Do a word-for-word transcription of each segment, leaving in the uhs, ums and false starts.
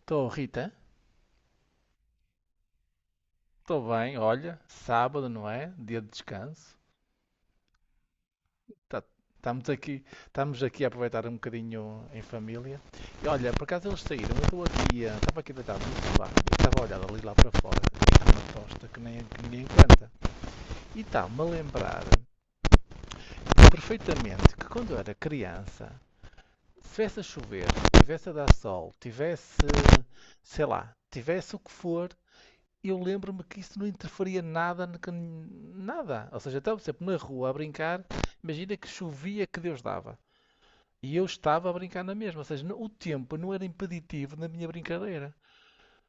Estou, Rita. Estou bem, olha. Sábado, não é? Dia de descanso. Tá- Estamos aqui, estamos aqui a aproveitar um bocadinho em família. E olha, por acaso eles saíram, eu estou aqui, eh, estava aqui deitado no sofá, e estava a olhar ali lá para fora, e está uma tosta que, nem, que ninguém aguenta. E está-me a lembrar perfeitamente que quando eu era criança, se tivesse a chover, tivesse a dar sol, tivesse, sei lá, tivesse o que for, eu lembro-me que isso não interferia nada, no que- nada. Ou seja, eu estava sempre na rua a brincar, imagina que chovia que Deus dava. E eu estava a brincar na mesma, ou seja, não- o tempo não era impeditivo na minha brincadeira.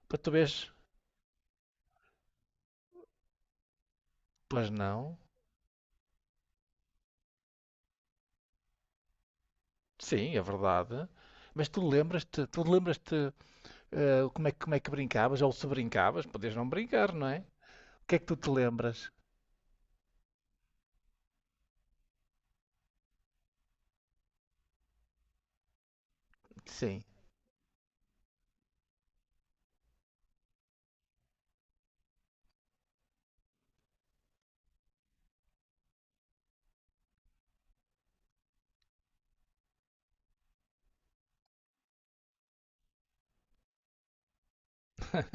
Para tu vês, pois não, sim, é verdade. Mas tu lembras-te, tu lembras-te eh, como é, que- como é que brincavas, ou se brincavas, podias não brincar, não é? O que é que tu te lembras? Sim,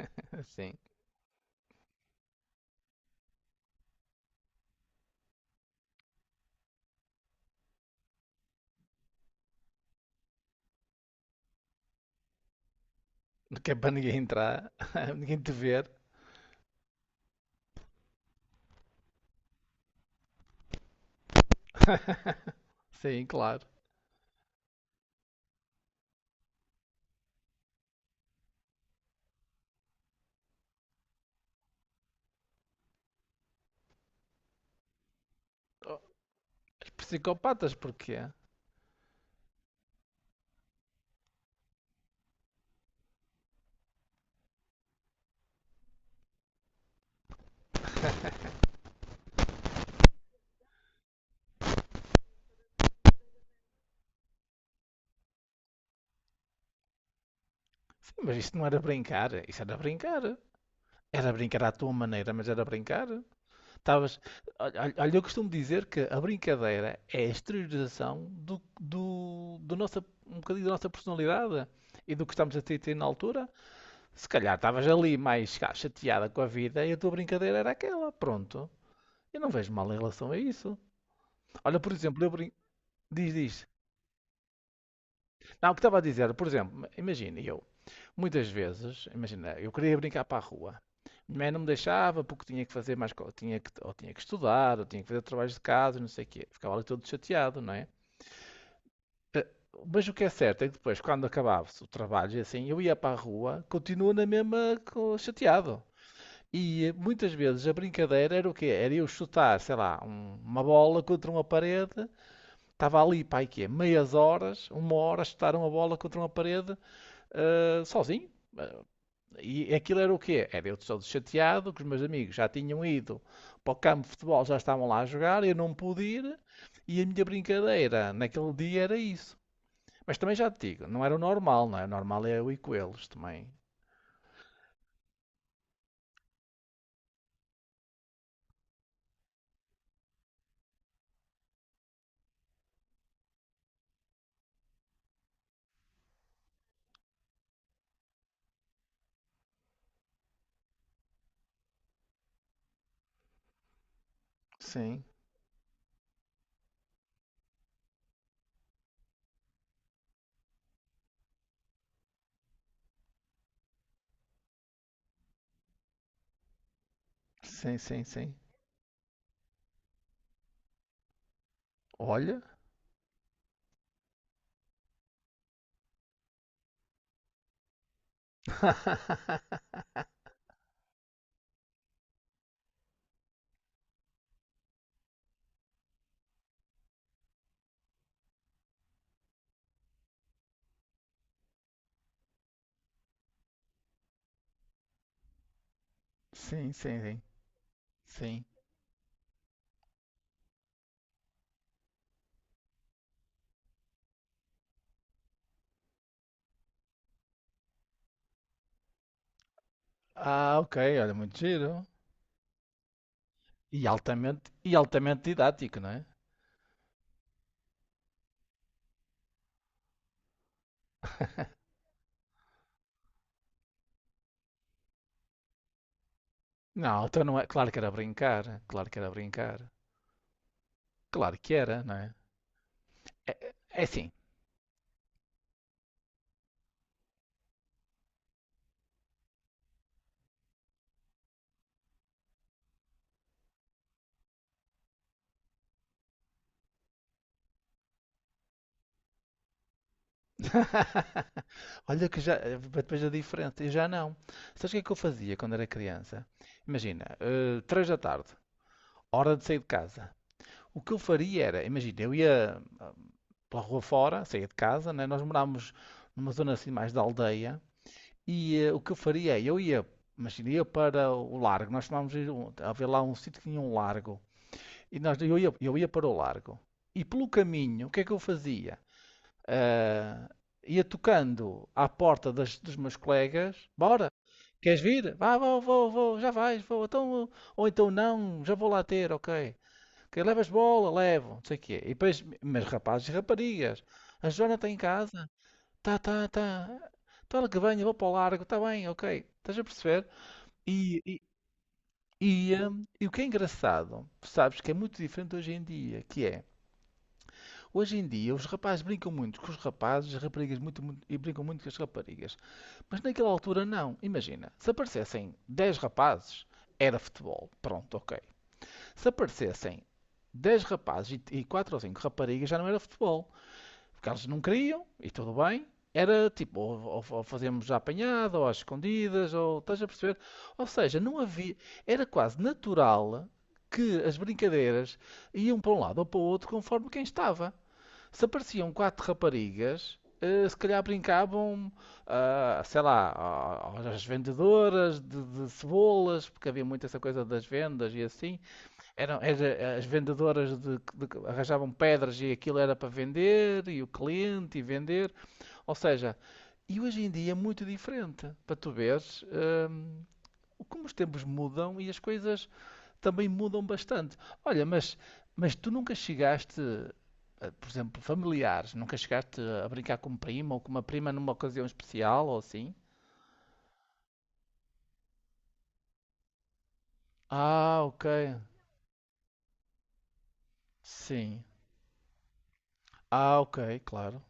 sim. Que é para ninguém entrar, ninguém te ver. Sim, claro. Psicopatas porquê? Sim, mas isso não era brincar, isso era brincar. Era brincar à tua maneira, mas era brincar. Estavas. Olha, olha, eu costumo dizer que a brincadeira é a exteriorização do, do, do nossa, um bocadinho da nossa personalidade e do que estamos a ter, ter na altura. Se calhar estavas ali mais cá, chateada com a vida e a tua brincadeira era aquela. Pronto. Eu não vejo mal em relação a isso. Olha, por exemplo, eu brinco. Diz, diz. Não, o que estava a dizer, por exemplo, imagina eu. Muitas vezes, imagina, eu queria brincar para a rua. Minha mãe não me deixava porque tinha que fazer mais, co- tinha que, ou tinha que estudar, ou tinha que fazer trabalhos de casa, não sei o quê. Ficava ali todo chateado, não é? Eh, Mas o que é certo é que depois, quando acabava-se o trabalho e assim, eu ia para a rua, continuo na mesma co- chateado. E eh, muitas vezes a brincadeira era o quê? Era eu chutar, sei lá, um- uma bola contra uma parede. Estava ali, pai, quê? Meias horas, uma hora a chutar uma bola contra uma parede, eh, sozinho. Eh, e aquilo era o quê? Era eu todo chateado, que os meus amigos já tinham ido para o campo de futebol, já estavam lá a jogar, eu não pude ir, e a minha brincadeira naquele dia era isso. Mas também já te digo, não era o normal, não é? O normal é eu ir com eles também. Sim, sim, sim, sim. Olha. Sim, sim, sim, sim. Ah, ok, olha, muito giro. E altamente, e altamente didático, não é? Não, então não é. Claro que era brincar, claro que era brincar. Claro que era, não é? É, é assim, olha que já, depois a diferença, eu já não. Sabes o que é que eu fazia quando era criança? Imagina, eh, três da tarde, hora de sair de casa. O que eu faria era, imagina, eu ia pela rua fora, saía de casa, né? Nós morávamos numa zona assim mais da aldeia, e eh, o que eu faria é, eu ia, imagina, ia para o largo, nós tomávamos ir um- havia lá um sítio que tinha um largo, e nós, eu ia, eu ia para o largo. E pelo caminho, o que é que eu fazia? Ah, ia tocando à porta das- dos meus colegas. Bora, queres vir? Vá, vou, vou, vou, já vais, vou. Então, ou então não, já vou lá ter, ok. Ok, levas bola, levo, não sei o quê. E depois, mas rapazes e raparigas, a Joana está em casa? Tá, tá, tá. Então ela que venha, vou para o largo, está bem, ok. Estás a perceber? E, e, e, hum, e o que é engraçado, sabes que é muito diferente hoje em dia, que é, hoje em dia, os rapazes brincam muito com os rapazes, as raparigas muito, muito- e brincam muito com as raparigas. Mas naquela altura, não. Imagina, se aparecessem dez rapazes, era futebol. Pronto, ok. Se aparecessem dez rapazes e quatro ou cinco raparigas, já não era futebol. Porque eles não queriam, e tudo bem. Era tipo, ou, ou, ou fazíamos a apanhada, ou às escondidas, ou estás a perceber? Ou seja, não havia. Era quase natural que as brincadeiras iam para um lado ou para o outro conforme quem estava. Se apareciam quatro raparigas, eh, se calhar brincavam, ah, sei lá, a- às vendedoras de, de cebolas, porque havia muito essa coisa das vendas e assim. Eram, era- as vendedoras de- de- arranjavam pedras e aquilo era para vender, e o cliente e vender. Ou seja, e hoje em dia é muito diferente. Para tu veres, hum, como os tempos mudam e as coisas também mudam bastante. Olha, mas, mas tu nunca chegaste, eh, por exemplo, familiares, nunca chegaste a brincar com um primo ou com uma prima numa ocasião especial ou assim? Ah, ok. Sim. Ah, ok, claro.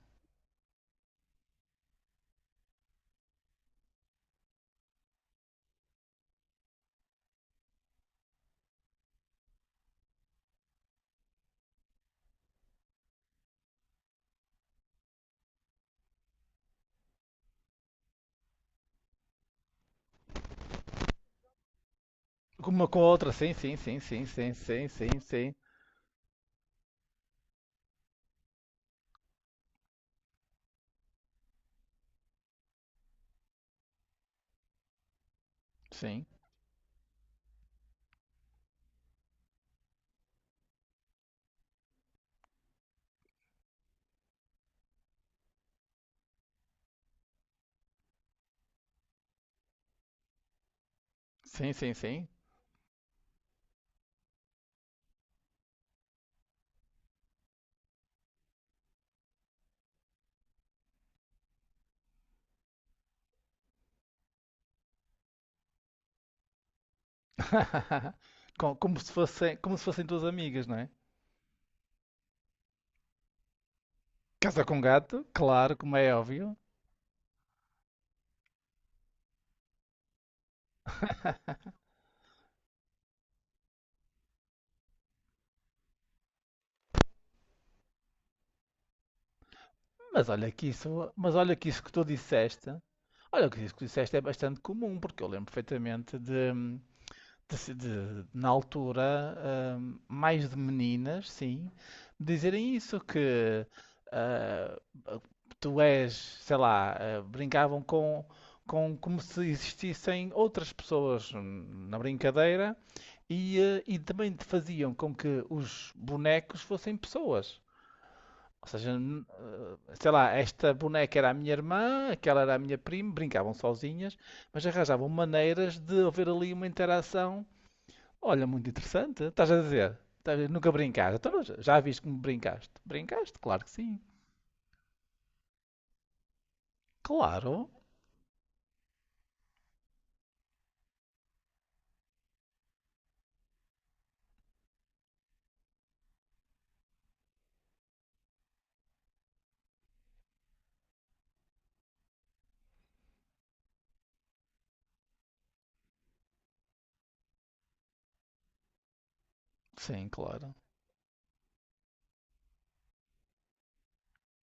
Com uma com a outra, sim, sim, sim, sim, sim, sim, sim, sim, sim, sim, sim, sim. Com- Como se fossem, como se fossem duas amigas, não é? Casa com gato, claro, como é óbvio. Mas olha que isso, mas olha que isso que tu disseste, olha que isso que disseste é bastante comum, porque eu lembro perfeitamente de, de se- de- na altura, ahm, mais de meninas, sim, dizerem isso que ah, tu és, sei lá, ah, brincavam com, com como se existissem outras pessoas hum, na brincadeira e, ah, e também te faziam com que os bonecos fossem pessoas. Ou seja, n- eh, sei lá, esta boneca era a minha irmã, aquela era a minha prima, brincavam sozinhas, mas arranjavam maneiras de haver ali uma interação. Olha, muito interessante. Estás a dizer? Estás a- dizer, nunca brincaste. Então, mas já viste como brincaste? Brincaste? Claro que sim. Claro. Sim, claro.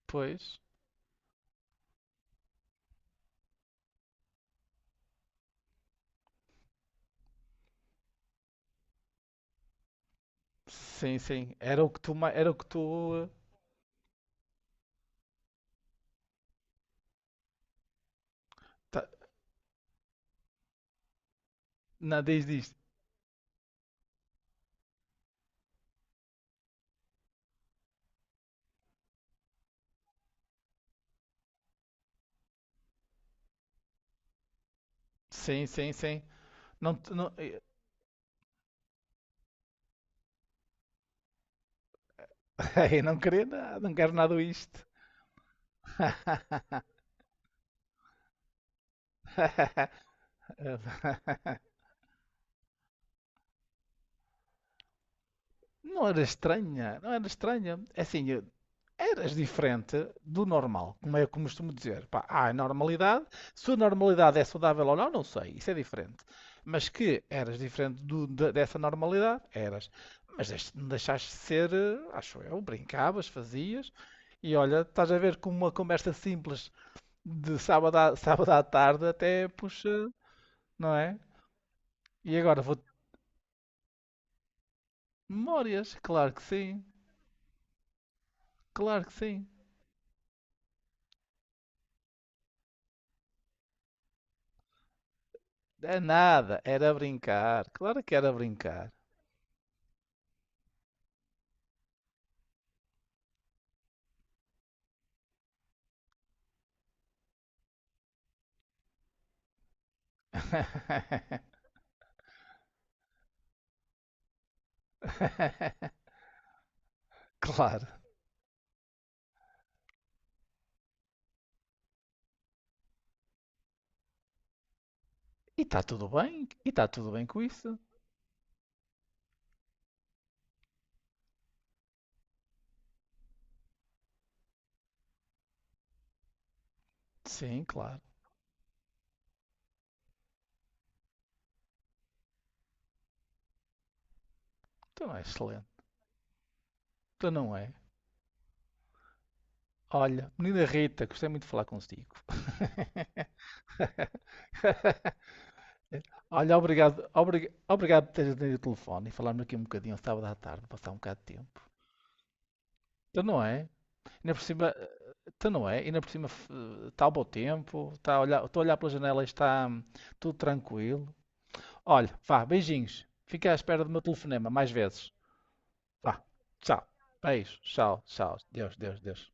Pois. Sim, sim. Era o que tu, ma- era o que tu, eh, ta- não, diz isto. Sim, sim, sim. Não, te- não, eu não queria nada, não quero nada isto. Não era estranha, não era estranha. É assim, eu- eras diferente do normal, como eu costumo dizer. Pá, há a normalidade. Se a normalidade é saudável ou não, não sei. Isso é diferente. Mas que eras diferente do- de- dessa normalidade, eras. Mas deix- não deixaste de ser, eh, acho eu, brincavas, fazias. E olha, estás a ver como uma conversa simples de sábado à, sábado à tarde até puxa, não é? E agora vou. Memórias, claro que sim, claro que sim. É nada, era brincar. Claro que era brincar. Claro. E está tudo bem? E está tudo bem com isso? Sim, claro. Então é excelente. Então não é. Olha, menina Rita, gostei muito de falar consigo. Olha, obrigado, obri- obrigado por teres atendido o telefone e falarmos aqui um bocadinho sábado à tarde, passar um bocado de tempo. Então não é? Ainda por cima, eh, então não é? Ainda por cima f- está o bom tempo, está a olhar, estou a olhar pela janela e está hum, tudo tranquilo. Olha, vá, beijinhos. Fica à espera do meu telefonema mais vezes. Vá, tchau. Beijo, tchau, tchau. Deus, Deus, Deus.